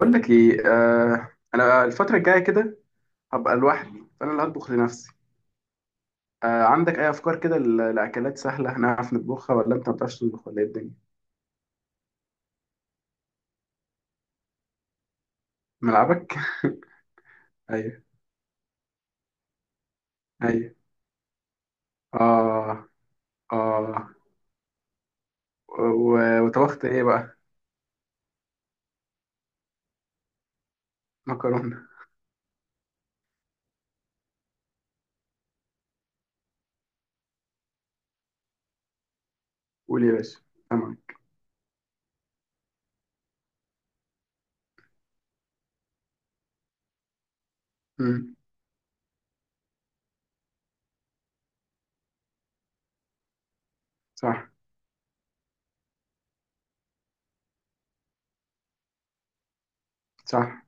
بقول لك ايه انا الفتره الجايه كده، هبقى لوحدي فانا اللي هطبخ لنفسي. عندك اي افكار كده لاكلات سهله هنعرف نطبخها، ولا انت ما بتعرفش تطبخ ولا ايه الدنيا؟ ملعبك. ايوه، ايوه. اه، اه. وطبخت ايه بقى؟ مكرونه. قول يا باشا. تمام. امم. صح، صح.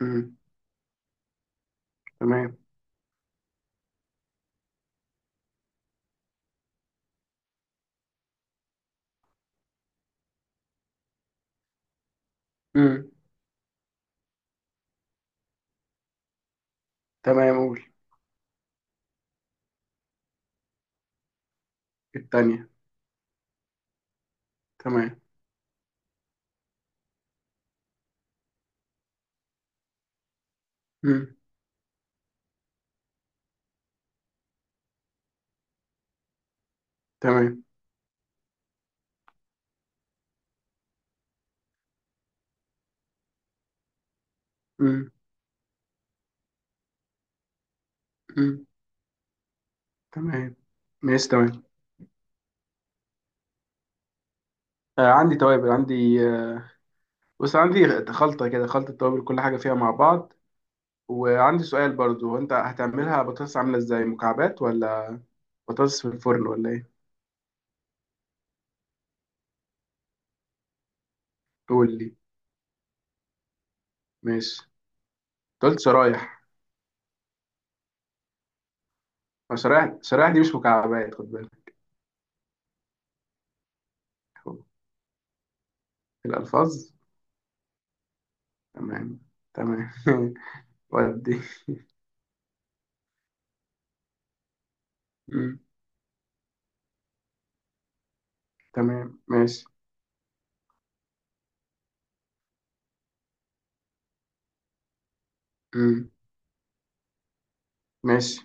امم. تمام. امم. تمام. قول. التانية. تمام. امم. تمام. امم. امم. تمام. ماشي. تمام. آه، عندي توابل عندي. بص، عندي خلطة كده، خلطة توابل كل حاجة فيها مع بعض. وعندي سؤال برضو، هو انت هتعملها بطاطس عاملة ازاي، مكعبات ولا بطاطس في الفرن ولا ايه؟ قول لي. ماشي. أنت قلت شرايح. ما شرايح، شرايح دي مش مكعبات، خد بالك. الألفاظ. تمام. تمام. ودي. مم. تمام، ماشي. مم. ماشي.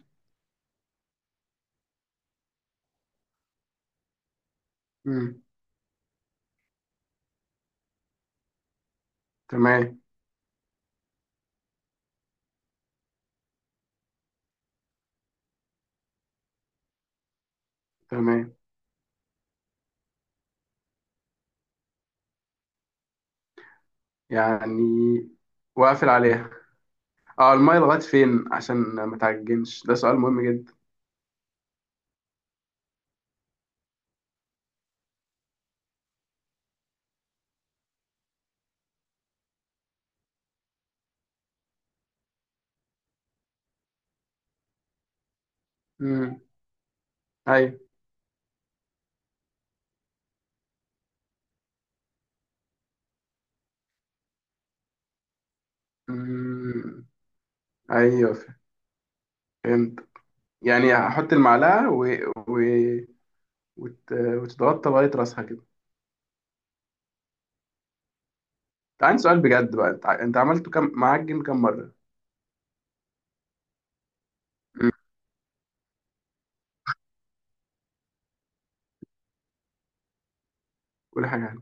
مم. تمام. تمام. يعني، واقفل عليها؟ اه، المية لغاية فين عشان ما تعجنش؟ ده سؤال مهم جدا. مم. ايوه. مم. ايوه، فهمت. يعني هحط المعلقه و... و... وت... وتتغطى لغايه راسها كده؟ انت، عندي سؤال بجد بقى، انت عملته كم معاك جيم كم مره؟ مم. قول حاجه عنه.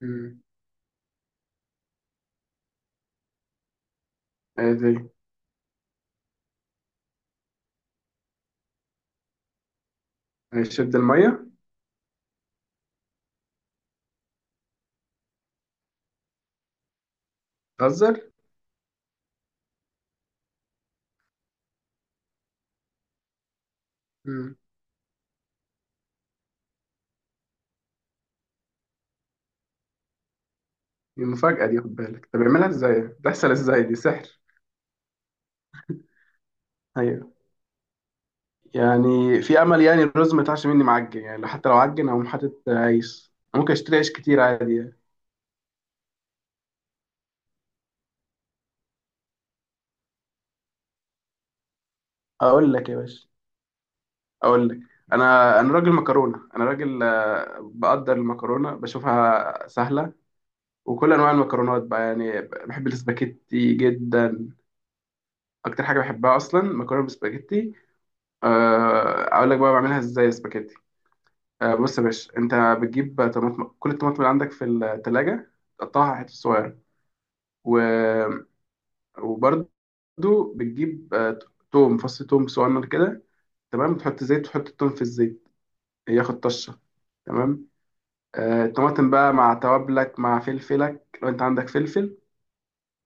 مم. ايه؟ دي شد الميه. تهزر. مم. دي مفاجاه، دي خد بالك. طب بيعملها ازاي؟ بتحصل ازاي؟ دي سحر. ايوه. يعني في امل يعني، الرز ما يطلعش مني معجن. يعني حتى لو عجن هقوم حاطط عيش. ممكن اشتري عيش كتير عادي يعني. اقول لك يا باشا، اقول لك، انا راجل مكرونه. انا راجل، بقدر المكرونه بشوفها سهله. وكل انواع المكرونات بقى يعني، بحب الاسباجيتي جدا. اكتر حاجه بحبها اصلا مكرونه بالسباجيتي. اقول لك بقى بعملها ازاي السباجيتي. بص يا باشا انت، بتجيب طماطم، كل الطماطم اللي عندك في التلاجة، تقطعها حتت صغيره. و... وبرده بتجيب توم، فص توم صغير كده. تمام. تحط زيت، تحط التوم في الزيت، ياخد طشه. تمام. الطماطم بقى مع توابلك، مع فلفلك لو انت عندك فلفل.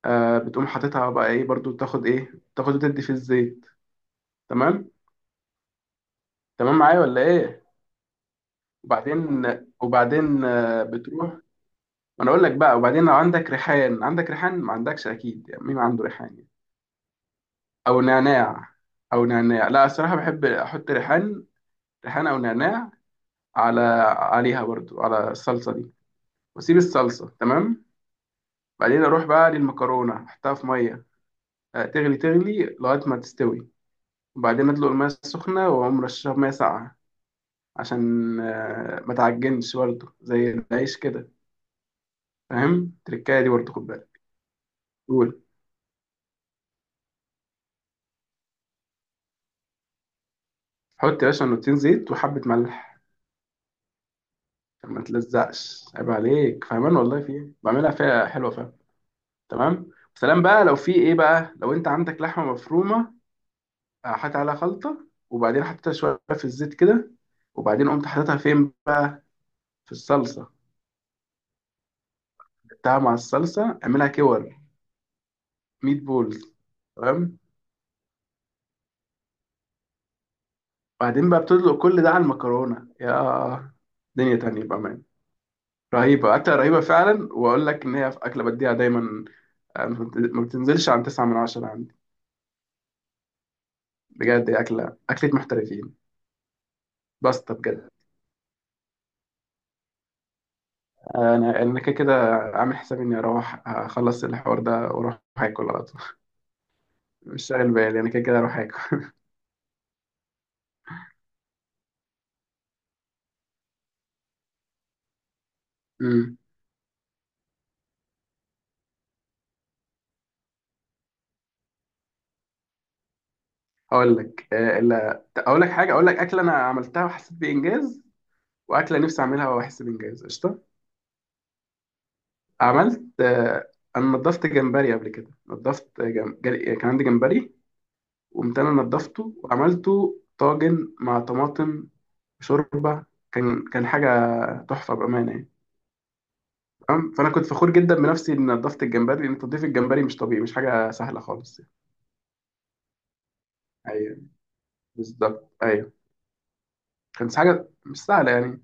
بتقوم حاططها بقى ايه، برضو تاخد ايه، تاخد وتدي في الزيت. تمام. تمام معايا ولا ايه؟ وبعدين، وبعدين بتروح. ما انا اقول لك بقى، وبعدين لو عندك ريحان، عندك ريحان؟ ما عندكش اكيد يعني، مين عنده ريحان يعني. او نعناع. او نعناع، لا الصراحه بحب احط ريحان. ريحان او نعناع على، عليها برضو، على الصلصه دي واسيب الصلصه. تمام. بعدين اروح بقى للمكرونه احطها في ميه، تغلي، تغلي لغاية ما تستوي. وبعدين أدلق المية السخنة وأقوم رشها مية ساقعة عشان ما تعجنش برضه زي العيش كده. فاهم؟ التركاية دي برضه خد بالك. قول. حط يا باشا نقطتين زيت وحبة ملح عشان ما تلزقش. عيب عليك، فاهمان والله في إيه، بعملها فيها حلوة، فاهم. تمام، سلام بقى. لو في إيه بقى، لو أنت عندك لحمة مفرومة، حط عليها خلطة، وبعدين حطيتها شوية في الزيت كده، وبعدين قمت حاططها فين؟ في الصلصة. جبتها مع الصلصة، اعملها كور. ميت بولز. تمام. بعدين بقى بتطلق كل ده على المكرونه، يا دنيا تانية بأمان. رهيبة، أكلة رهيبة فعلا. وأقول لك إن هي في أكلة بديها دايما، ما بت- ما بتنزلش عن تسعة من عشرة عندي. بجد هي أكلة، أكلة محترفين. باستا بجد. أنا كده كده عامل حسابي إني أروح أخلص الحوار ده وأروح آكل على طول. مش شاغل بالي، أنا كده كده أروح آكل. أمم. أقول لك إلا أقول لك حاجة، أقول لك أكلة أنا عملتها وحسيت بإنجاز، وأكلة نفسي أعملها وأحس بإنجاز قشطة. عملت انا نضفت جمبري قبل كده، نضفت كان عندي جمبري، قمت انا نضفته وعملته طاجن مع طماطم شوربه. كان حاجه تحفه بامانه يعني. تمام. فانا كنت فخور جدا بنفسي اني نضفت الجمبري، لان تنظيف الجمبري مش طبيعي، مش حاجه سهله خالص يعني. ايوه بالظبط، ايوه. كانت حاجه مش سهله يعني.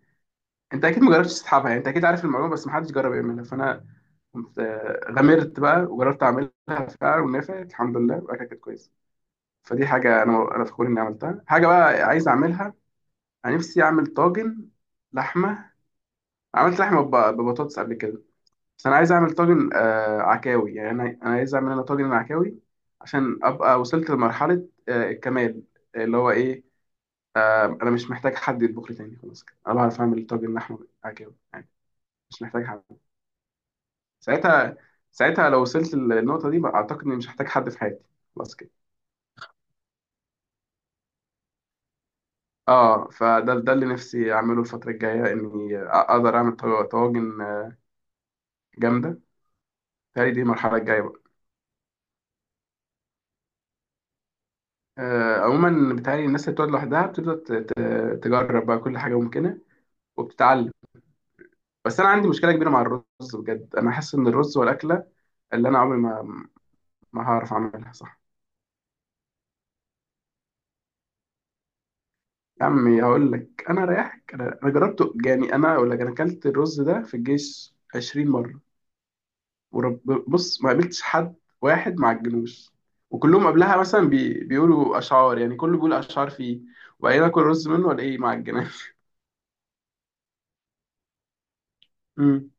انت اكيد ما جربتش تسحبها يعني، انت اكيد عارف المعلومه بس ما حدش جرب يعملها. فانا كنت غامرت بقى وجربت اعملها فعلا ونفعت الحمد لله، وبقى كانت كويسه. فدي حاجة أنا فخور إني عملتها. حاجة بقى عايز أعملها، أنا نفسي أعمل طاجن لحمة. عملت لحمة ببطاطس قبل كده. بس أنا عايز أعمل طاجن آه عكاوي يعني، أنا عايز أعمل أنا طاجن عكاوي، عشان أبقى وصلت لمرحلة الكمال اللي هو إيه، أنا مش محتاج حد يطبخ لي تاني. خلاص كده، أنا بعرف أعمل طاجن لحمة عكاوي يعني، مش محتاج حد. ساعتها، ساعتها لو وصلت للنقطة دي بقى، أعتقد إني مش هحتاج حد في حياتي. خلاص كده. اه، فده اللي نفسي اعمله الفتره الجايه، اني اقدر اعمل طواجن جامده. بتهيألي دي المرحله الجايه بقى. آه عموما، بتهيألي الناس اللي بتقعد لوحدها بتبدا تجرب بقى كل حاجه ممكنه وبتتعلم. بس انا عندي مشكله كبيره مع الرز. بجد انا حاسس ان الرز والاكله اللي انا عمري، ما هعرف اعملها صح. يا عمي هقول لك، انا رايحك، انا جربته يعني. انا اقول لك، انا اكلت الرز ده في الجيش 20 مره ورب. بص، ما قابلتش حد واحد مع الجلوس، وكلهم قبلها مثلا بيقولوا اشعار يعني، كله بيقول اشعار فيه، وبعدين اكل رز منه ولا ايه مع الجناز؟ امم.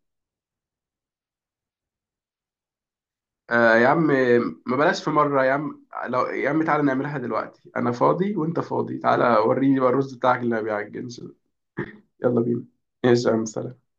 آه يا عم، ما بلاش. في مره يا عم، لو يا عم تعالى نعملها دلوقتي، انا فاضي وانت فاضي، تعالى وريني بقى الرز بتاعك اللي ما بيعجنش ده. يلا بينا. ايش يا عم، سلام.